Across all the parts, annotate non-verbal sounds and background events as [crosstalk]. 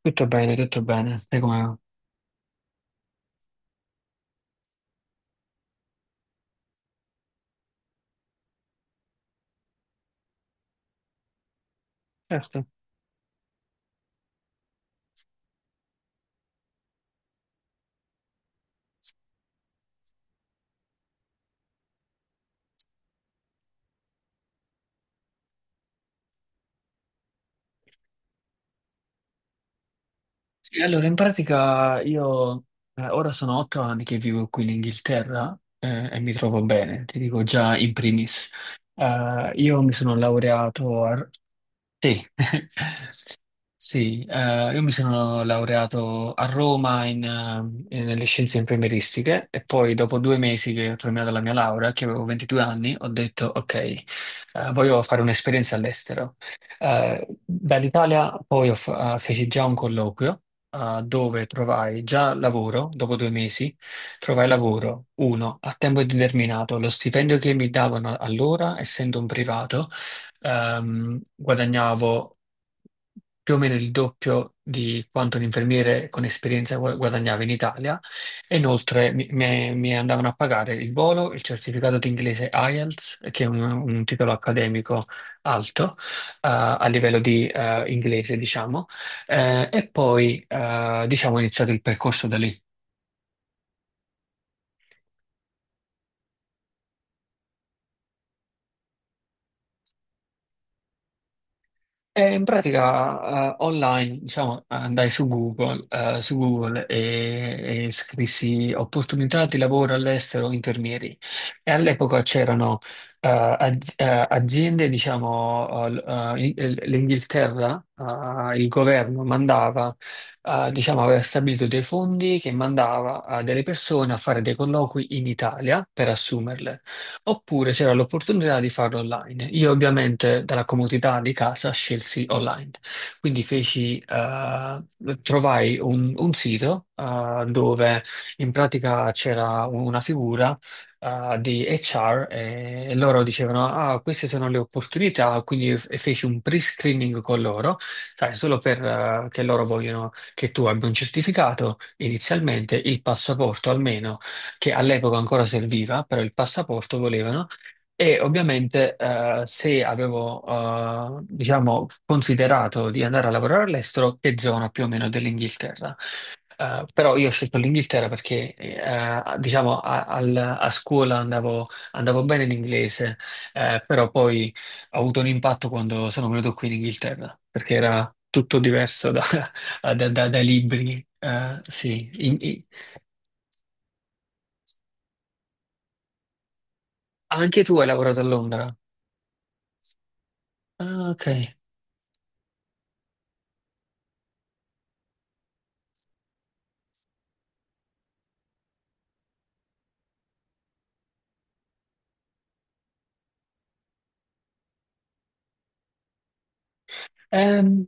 Tutto bene, tutto bene. Sai come va? Certo. Sì, allora, in pratica io ora sono 8 anni che vivo qui in Inghilterra, e mi trovo bene, ti dico già in primis. Io mi sono laureato a... Sì, [laughs] Sì, io mi sono laureato a Roma nelle scienze infermieristiche, e poi dopo 2 mesi che ho terminato la mia laurea, che avevo 22 anni, ho detto ok. Voglio fare un'esperienza all'estero. Dall'Italia poi feci già un colloquio, dove trovai già lavoro, dopo 2 mesi trovai lavoro, uno, a tempo indeterminato. Lo stipendio che mi davano allora, essendo un privato, guadagnavo più o meno il doppio di quanto un infermiere con esperienza guadagnava in Italia, e inoltre mi andavano a pagare il volo, il certificato di inglese IELTS, che è un titolo accademico alto, a livello di inglese, diciamo. E poi, diciamo, ho iniziato il percorso da lì. E in pratica, online, diciamo, andai su Google, e scrissi opportunità di lavoro all'estero infermieri. E all'epoca c'erano aziende, diciamo, l'Inghilterra, il governo mandava, diciamo, aveva stabilito dei fondi che mandava a delle persone a fare dei colloqui in Italia per assumerle. Oppure c'era l'opportunità di farlo online. Io ovviamente dalla comodità di casa scelsi online. Quindi feci, trovai un sito, dove in pratica c'era una figura, di HR, e loro dicevano: ah, queste sono le opportunità. Quindi feci un pre-screening con loro, sai, solo per, che loro vogliono che tu abbia un certificato, inizialmente il passaporto almeno, che all'epoca ancora serviva, però il passaporto volevano. E ovviamente, se avevo, diciamo, considerato di andare a lavorare all'estero, che zona più o meno dell'Inghilterra. Però io ho scelto l'Inghilterra, perché, diciamo, a scuola andavo bene in inglese, però poi ho avuto un impatto quando sono venuto qui in Inghilterra, perché era tutto diverso [laughs] dai libri. Sì. Anche tu hai lavorato a Londra? Ah, ok. Ehm,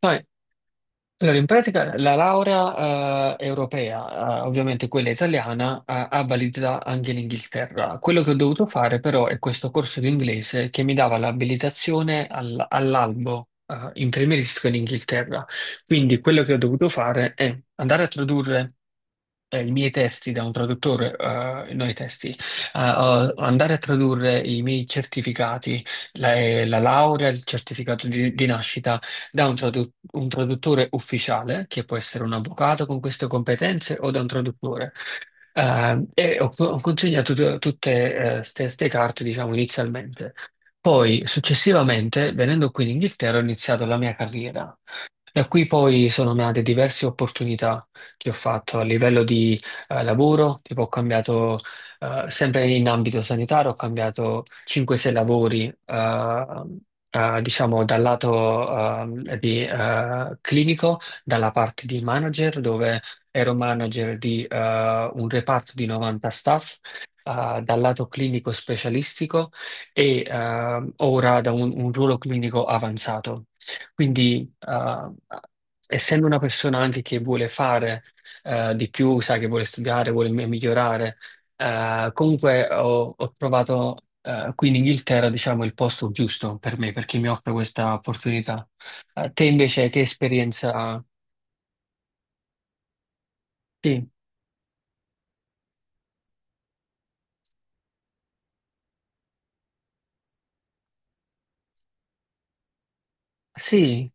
Vabbè. Allora, in pratica la laurea europea, ovviamente quella italiana, ha validità anche in Inghilterra. Quello che ho dovuto fare però è questo corso di inglese che mi dava l'abilitazione all'albo, infermieristico, in Inghilterra. Quindi quello che ho dovuto fare è andare a tradurre i miei testi da un traduttore, no i testi, ho- andare a tradurre i miei certificati, la laurea, il certificato di nascita, da un traduttore ufficiale, che può essere un avvocato con queste competenze, o da un traduttore. Ho consegnato tutte queste carte, diciamo, inizialmente. Poi, successivamente, venendo qui in Inghilterra, ho iniziato la mia carriera. Da qui poi sono nate diverse opportunità che ho fatto a livello di lavoro. Tipo ho cambiato, sempre in ambito sanitario, ho cambiato 5-6 lavori, diciamo, dal lato, clinico, dalla parte di manager, dove ero manager di un reparto di 90 staff, dal lato clinico specialistico, e, ora, da un ruolo clinico avanzato. Quindi, essendo una persona anche che vuole fare di più, sai, che vuole studiare, vuole migliorare, comunque ho trovato, qui in Inghilterra, diciamo, il posto giusto per me, perché mi offre questa opportunità. Te invece che esperienza? Sì, sì.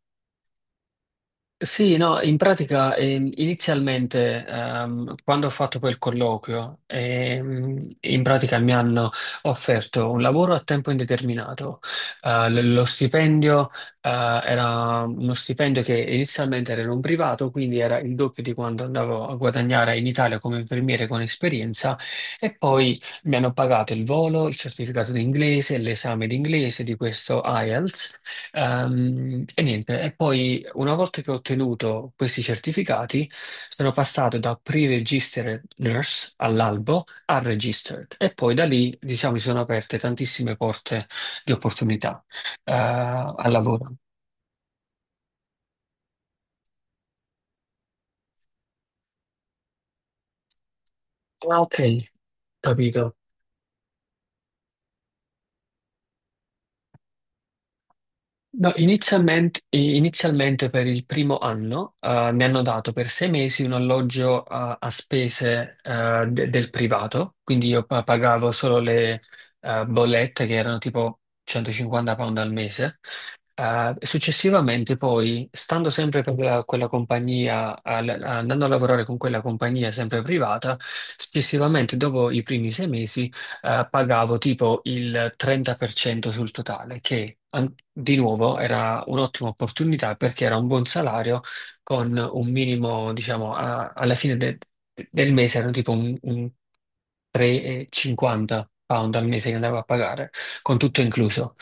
Sì, no, in pratica inizialmente, quando ho fatto quel colloquio, in pratica mi hanno offerto un lavoro a tempo indeterminato. Lo stipendio era uno stipendio che inizialmente era in un privato, quindi era il doppio di quanto andavo a guadagnare in Italia come infermiere con esperienza, e poi mi hanno pagato il volo, il certificato di inglese, l'esame di inglese, di questo IELTS. E niente, e poi una volta che ho ottenuto questi certificati, sono passato da pre-registered nurse all'albo a registered, e poi da lì, diciamo, si sono aperte tantissime porte di opportunità al lavoro. Ah, ok, capito. No, inizialmente per il primo anno, mi hanno dato per 6 mesi un alloggio a spese, del privato, quindi io pagavo solo le bollette, che erano tipo 150 pound al mese. Successivamente poi, stando sempre per quella compagnia, andando a lavorare con quella compagnia sempre privata, successivamente dopo i primi 6 mesi pagavo tipo il 30% sul totale, che di nuovo era un'ottima opportunità, perché era un buon salario, con un minimo, diciamo, alla fine del mese, erano tipo un 3,50 pound al mese che andavo a pagare, con tutto incluso.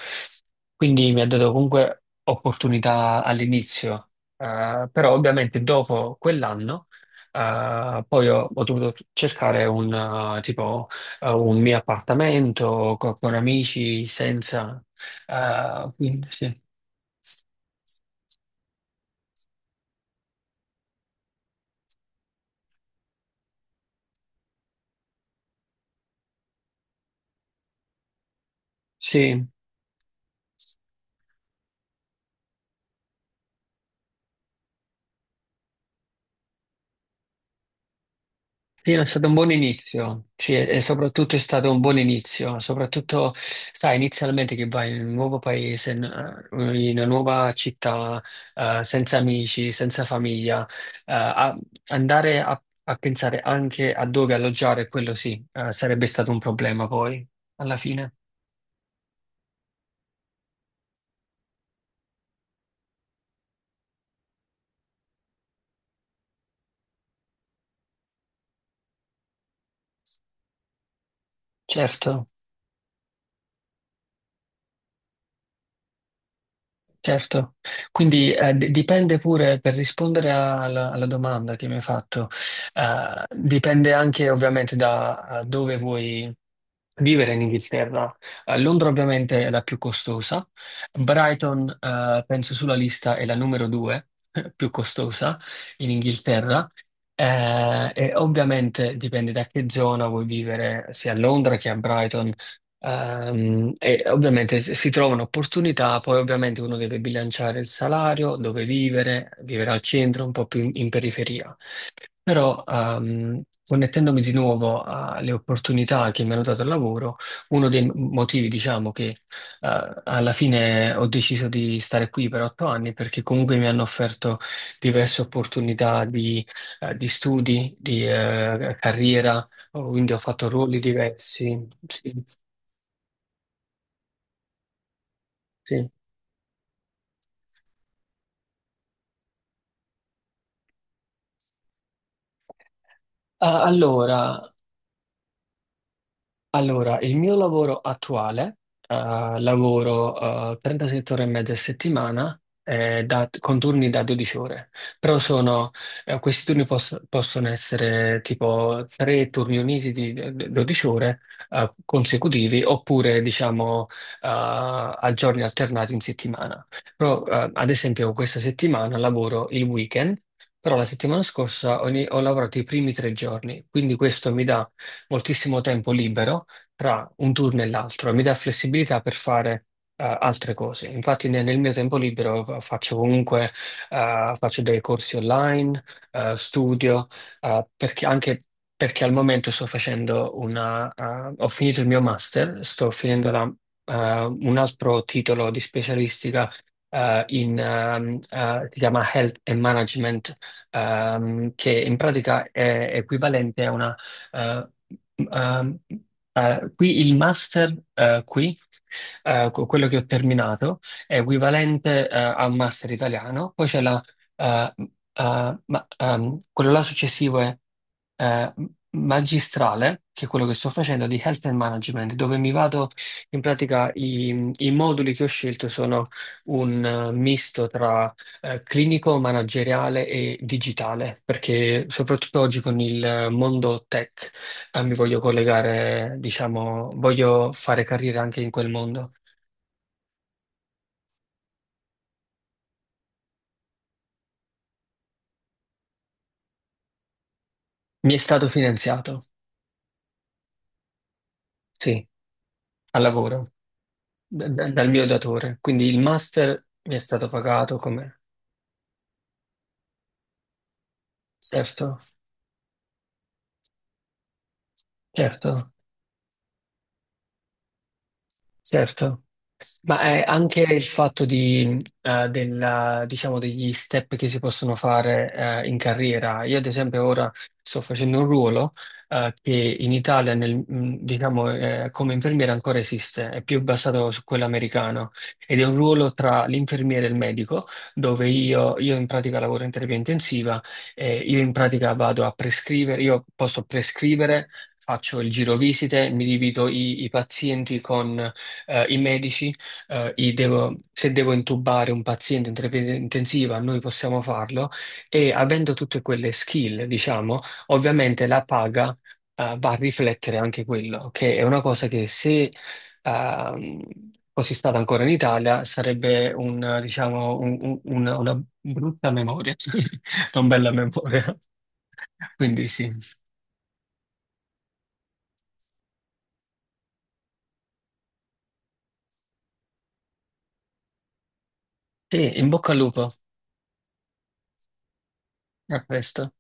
Quindi mi ha dato comunque opportunità all'inizio, però ovviamente dopo quell'anno poi ho dovuto cercare un tipo, un mio appartamento con amici, senza. Quindi sì. Sì. Sì, è stato un buon inizio, sì, e soprattutto è stato un buon inizio, soprattutto, sai, inizialmente che vai in un nuovo paese, in una nuova città, senza amici, senza famiglia, eh, a- andare a pensare anche a dove alloggiare, quello sì, sarebbe stato un problema poi, alla fine, certo. Certo, quindi dipende pure, per rispondere alla domanda che mi hai fatto, dipende anche ovviamente da dove vuoi vivere in Inghilterra. Londra ovviamente è la più costosa. Brighton, penso sulla lista, è la numero due [laughs] più costosa in Inghilterra. E ovviamente dipende da che zona vuoi vivere, sia a Londra che a Brighton. E ovviamente si trovano opportunità, poi ovviamente uno deve bilanciare il salario, dove vivere, vivere al centro, un po' più in periferia. Però, connettendomi di nuovo alle opportunità che mi hanno dato il lavoro, uno dei motivi, diciamo, che alla fine ho deciso di stare qui per 8 anni, perché comunque mi hanno offerto diverse opportunità di studi, di carriera, quindi ho fatto ruoli diversi. Sì, sì. Ah, allora, il mio lavoro attuale, eh, lavoro 37 ore e mezza a settimana, con turni da 12 ore. Però sono, questi turni possono essere tipo tre turni uniti di 12 ore, consecutivi, oppure, diciamo, a giorni alternati in settimana. Però, ad esempio, questa settimana lavoro il weekend, però la settimana scorsa ho lavorato i primi 3 giorni, quindi questo mi dà moltissimo tempo libero tra un turno e l'altro, e mi dà flessibilità per fare altre cose. Infatti nel mio tempo libero faccio comunque faccio dei corsi online, studio, perché anche, perché al momento sto facendo ho finito il mio master, sto finendo un altro titolo di specialistica, si chiama Health and Management, che in pratica è equivalente a una. eh, ehm, Qui il master, qui, quello che ho terminato, è equivalente, a un master italiano. Poi c'è eh, quello là successivo, è eh, magistrale, che è quello che sto facendo, di Health and Management, dove mi vado in pratica, i moduli che ho scelto sono un misto tra clinico, manageriale e digitale, perché soprattutto oggi con il mondo tech, mi voglio collegare, diciamo, voglio fare carriera anche in quel mondo. Mi è stato finanziato, sì, al lavoro, dal mio datore, quindi il master mi è stato pagato come. Certo, certo, certo. Ma è anche il fatto di, diciamo, degli step che si possono fare in carriera. Io, ad esempio, ora sto facendo un ruolo che in Italia, diciamo, come infermiere ancora esiste, è più basato su quello americano, ed è un ruolo tra l'infermiere e il medico, dove io in pratica lavoro in terapia intensiva, e io in pratica vado a prescrivere, io posso prescrivere. Faccio il giro visite, mi divido i pazienti con i medici, se devo intubare un paziente in terapia intensiva, noi possiamo farlo, e avendo tutte quelle skill, diciamo, ovviamente la paga va a riflettere anche quello, che è una cosa che, se, ehm, fossi stata ancora in Italia, sarebbe diciamo, una brutta memoria, [laughs] non bella memoria. Quindi sì. E in bocca al lupo, a presto.